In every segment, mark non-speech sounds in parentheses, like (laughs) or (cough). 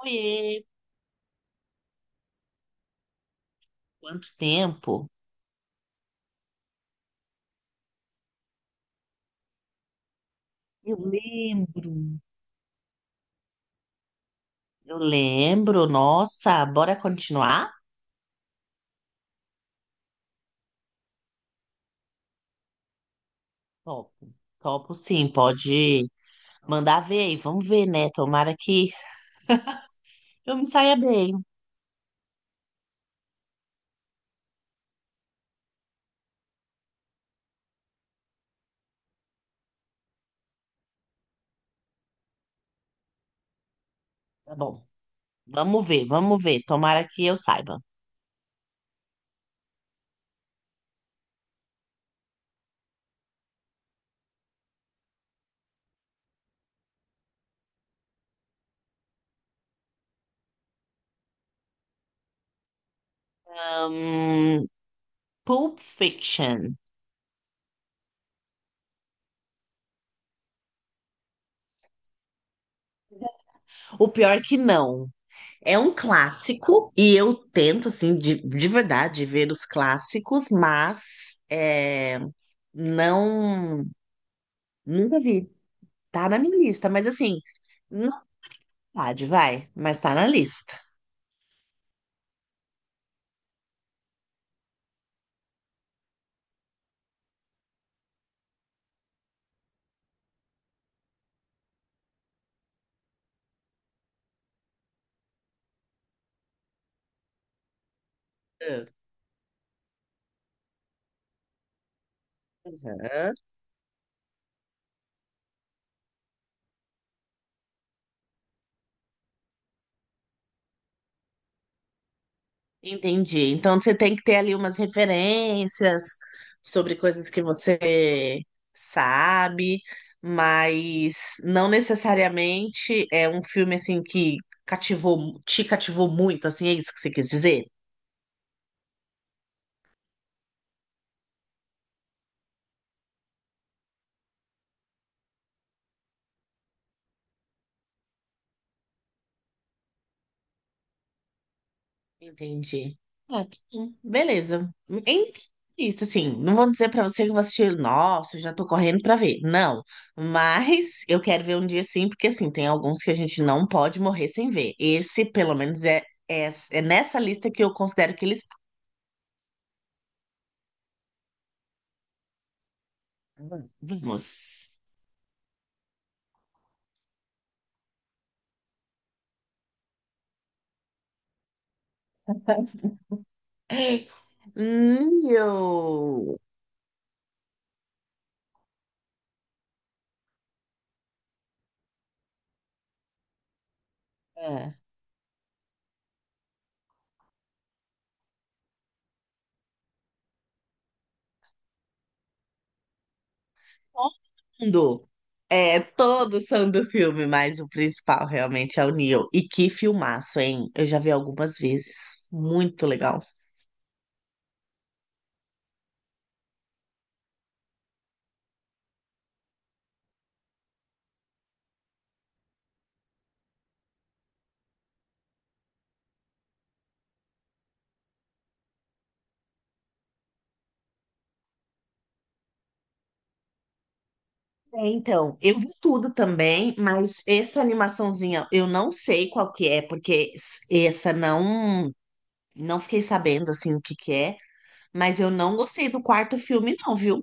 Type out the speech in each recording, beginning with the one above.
Oiê, quanto tempo? Eu lembro. Eu lembro, nossa, bora continuar? Topo, topo sim, pode mandar ver aí, vamos ver, né? Tomara que eu me saia bem. Tá bom, vamos ver, tomara que eu saiba. Hum, Pulp Fiction. O pior que não. É um clássico e eu tento, assim, de verdade, ver os clássicos, não. Nunca vi. Tá na minha lista, mas assim, não pode, vai, mas tá na lista. Ah, aham. Entendi. Então você tem que ter ali umas referências sobre coisas que você sabe, mas não necessariamente é um filme assim que cativou, te cativou muito, assim, é isso que você quis dizer? Entendi. Ah, tá bom, beleza. Em- Isso, assim, não vou dizer pra você que eu vou assistir, nossa, já tô correndo pra ver. Não, mas eu quero ver um dia sim, porque assim, tem alguns que a gente não pode morrer sem ver. Esse, pelo menos, é nessa lista que eu considero que eles. Vamos. Neo. É, mundo. É, todos são do filme, mas o principal realmente é o Neo. E que filmaço, hein? Eu já vi algumas vezes. Muito legal. É, então, eu vi tudo também, mas essa animaçãozinha eu não sei qual que é, porque essa não fiquei sabendo assim o que que é, mas eu não gostei do quarto filme não, viu?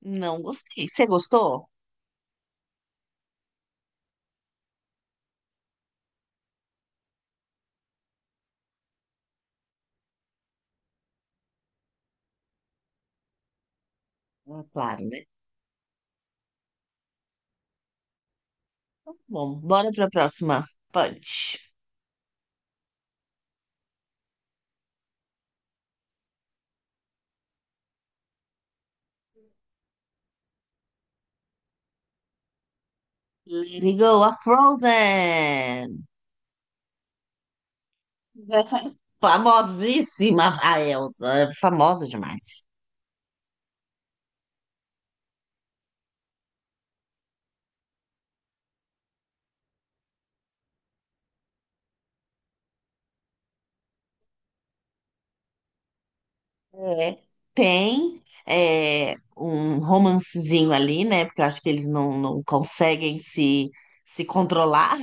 Não gostei. Você gostou? Ah, claro, né? Bom, bora para a próxima. Punch. Let it go, a Frozen. (laughs) Famosíssima a Elsa, é famosa demais. É. Tem um romancezinho ali, né? Porque eu acho que eles não conseguem se controlar,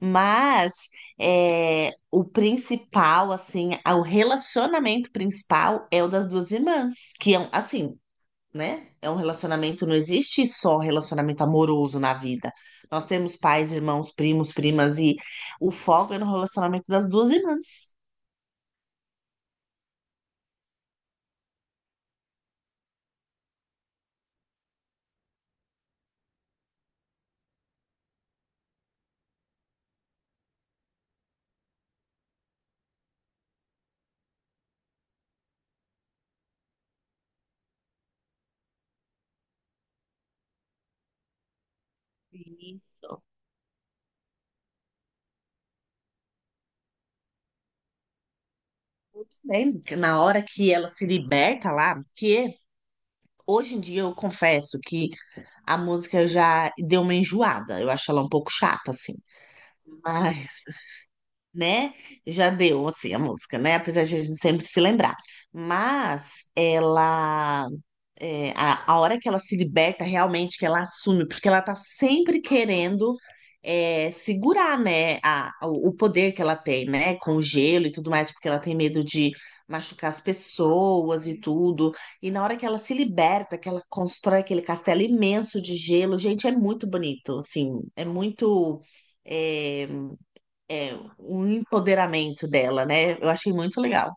mas o principal, assim, o relacionamento principal é o das duas irmãs, que é, assim, né? É um relacionamento, não existe só relacionamento amoroso na vida. Nós temos pais, irmãos, primos, primas, e o foco é no relacionamento das duas irmãs. E muito bem, na hora que ela se liberta lá, que hoje em dia eu confesso que a música já deu uma enjoada, eu acho ela um pouco chata, assim, mas, (laughs) né? Já deu, assim, a música, né? Apesar de a gente sempre se lembrar. Mas ela a hora que ela se liberta realmente, que ela assume, porque ela tá sempre querendo segurar, né, a, o poder que ela tem, né, com o gelo e tudo mais, porque ela tem medo de machucar as pessoas e tudo. E na hora que ela se liberta, que ela constrói aquele castelo imenso de gelo, gente, é muito bonito, assim, é muito é, é, um empoderamento dela, né? Eu achei muito legal.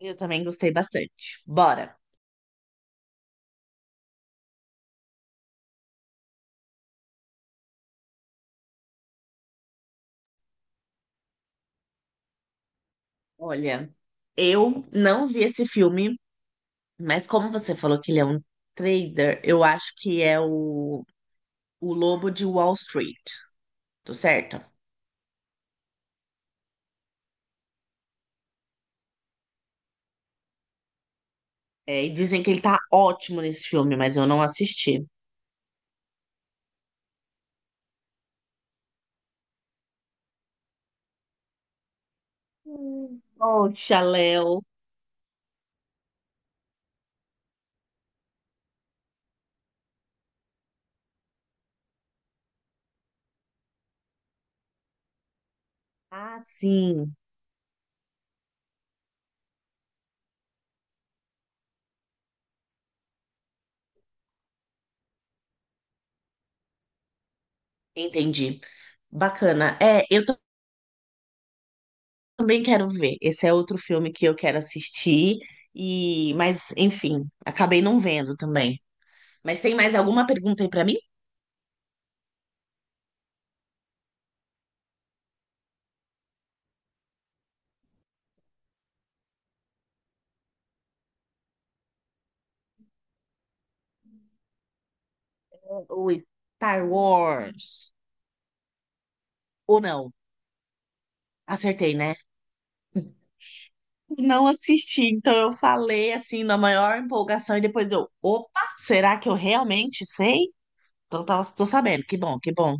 Eu também gostei bastante. Bora. Olha, eu não vi esse filme, mas como você falou que ele é um trader, eu acho que é o Lobo de Wall Street, tô certo? É, e dizem que ele tá ótimo nesse filme, mas eu não assisti. Poxa, Léo. Ah, sim, entendi. Bacana. Também quero ver. Esse é outro filme que eu quero assistir, e, mas enfim, acabei não vendo também. Mas tem mais alguma pergunta aí pra mim? O Star Wars. Ou não? Acertei, né? Não assisti, então eu falei assim na maior empolgação e depois eu, opa, será que eu realmente sei? Então tava, tô sabendo, que bom, que bom.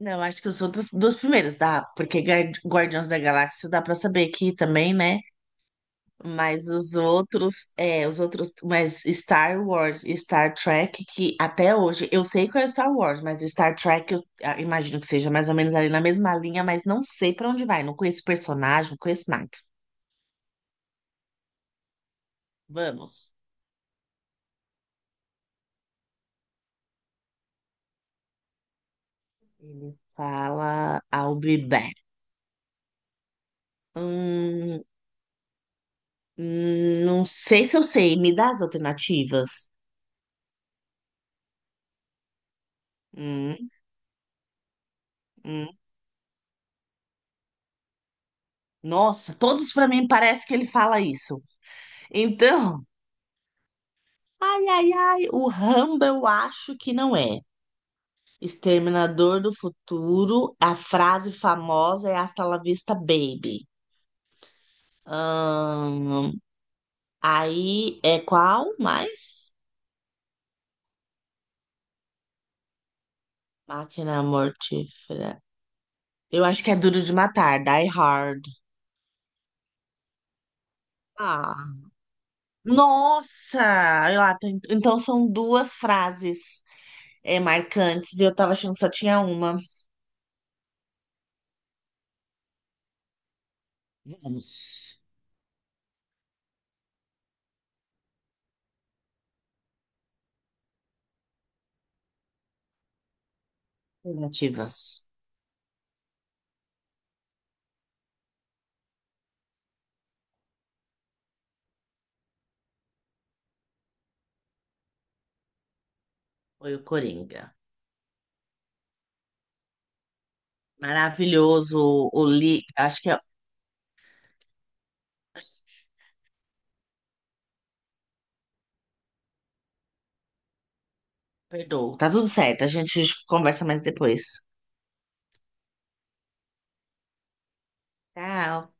Não, acho que eu sou dos primeiros, dá, porque Guardiões da Galáxia dá pra saber que também, né? Mas os outros, é, os outros, mas Star Wars e Star Trek, que até hoje, eu sei qual é o Star Wars, mas o Star Trek eu ah, imagino que seja mais ou menos ali na mesma linha, mas não sei pra onde vai, não conheço personagem, não conheço nada. Vamos. Ele fala I'll be back. Hum, não sei se eu sei, me dá as alternativas. Hum, hum. Nossa, todos pra mim parece que ele fala isso. Então, ai, ai, ai, o Rambo eu acho que não é. Exterminador do Futuro, a frase famosa é Hasta la vista, baby. Ahn, aí é qual mais? Máquina Mortífera. Eu acho que é Duro de Matar, Die Hard. Ah, nossa! Então são duas frases marcantes e eu tava achando que só tinha uma. Vamos. Alternativas. Foi o Coringa. Maravilhoso. O li... Acho que é perdoa. Tá tudo certo. A gente conversa mais depois. Tchau.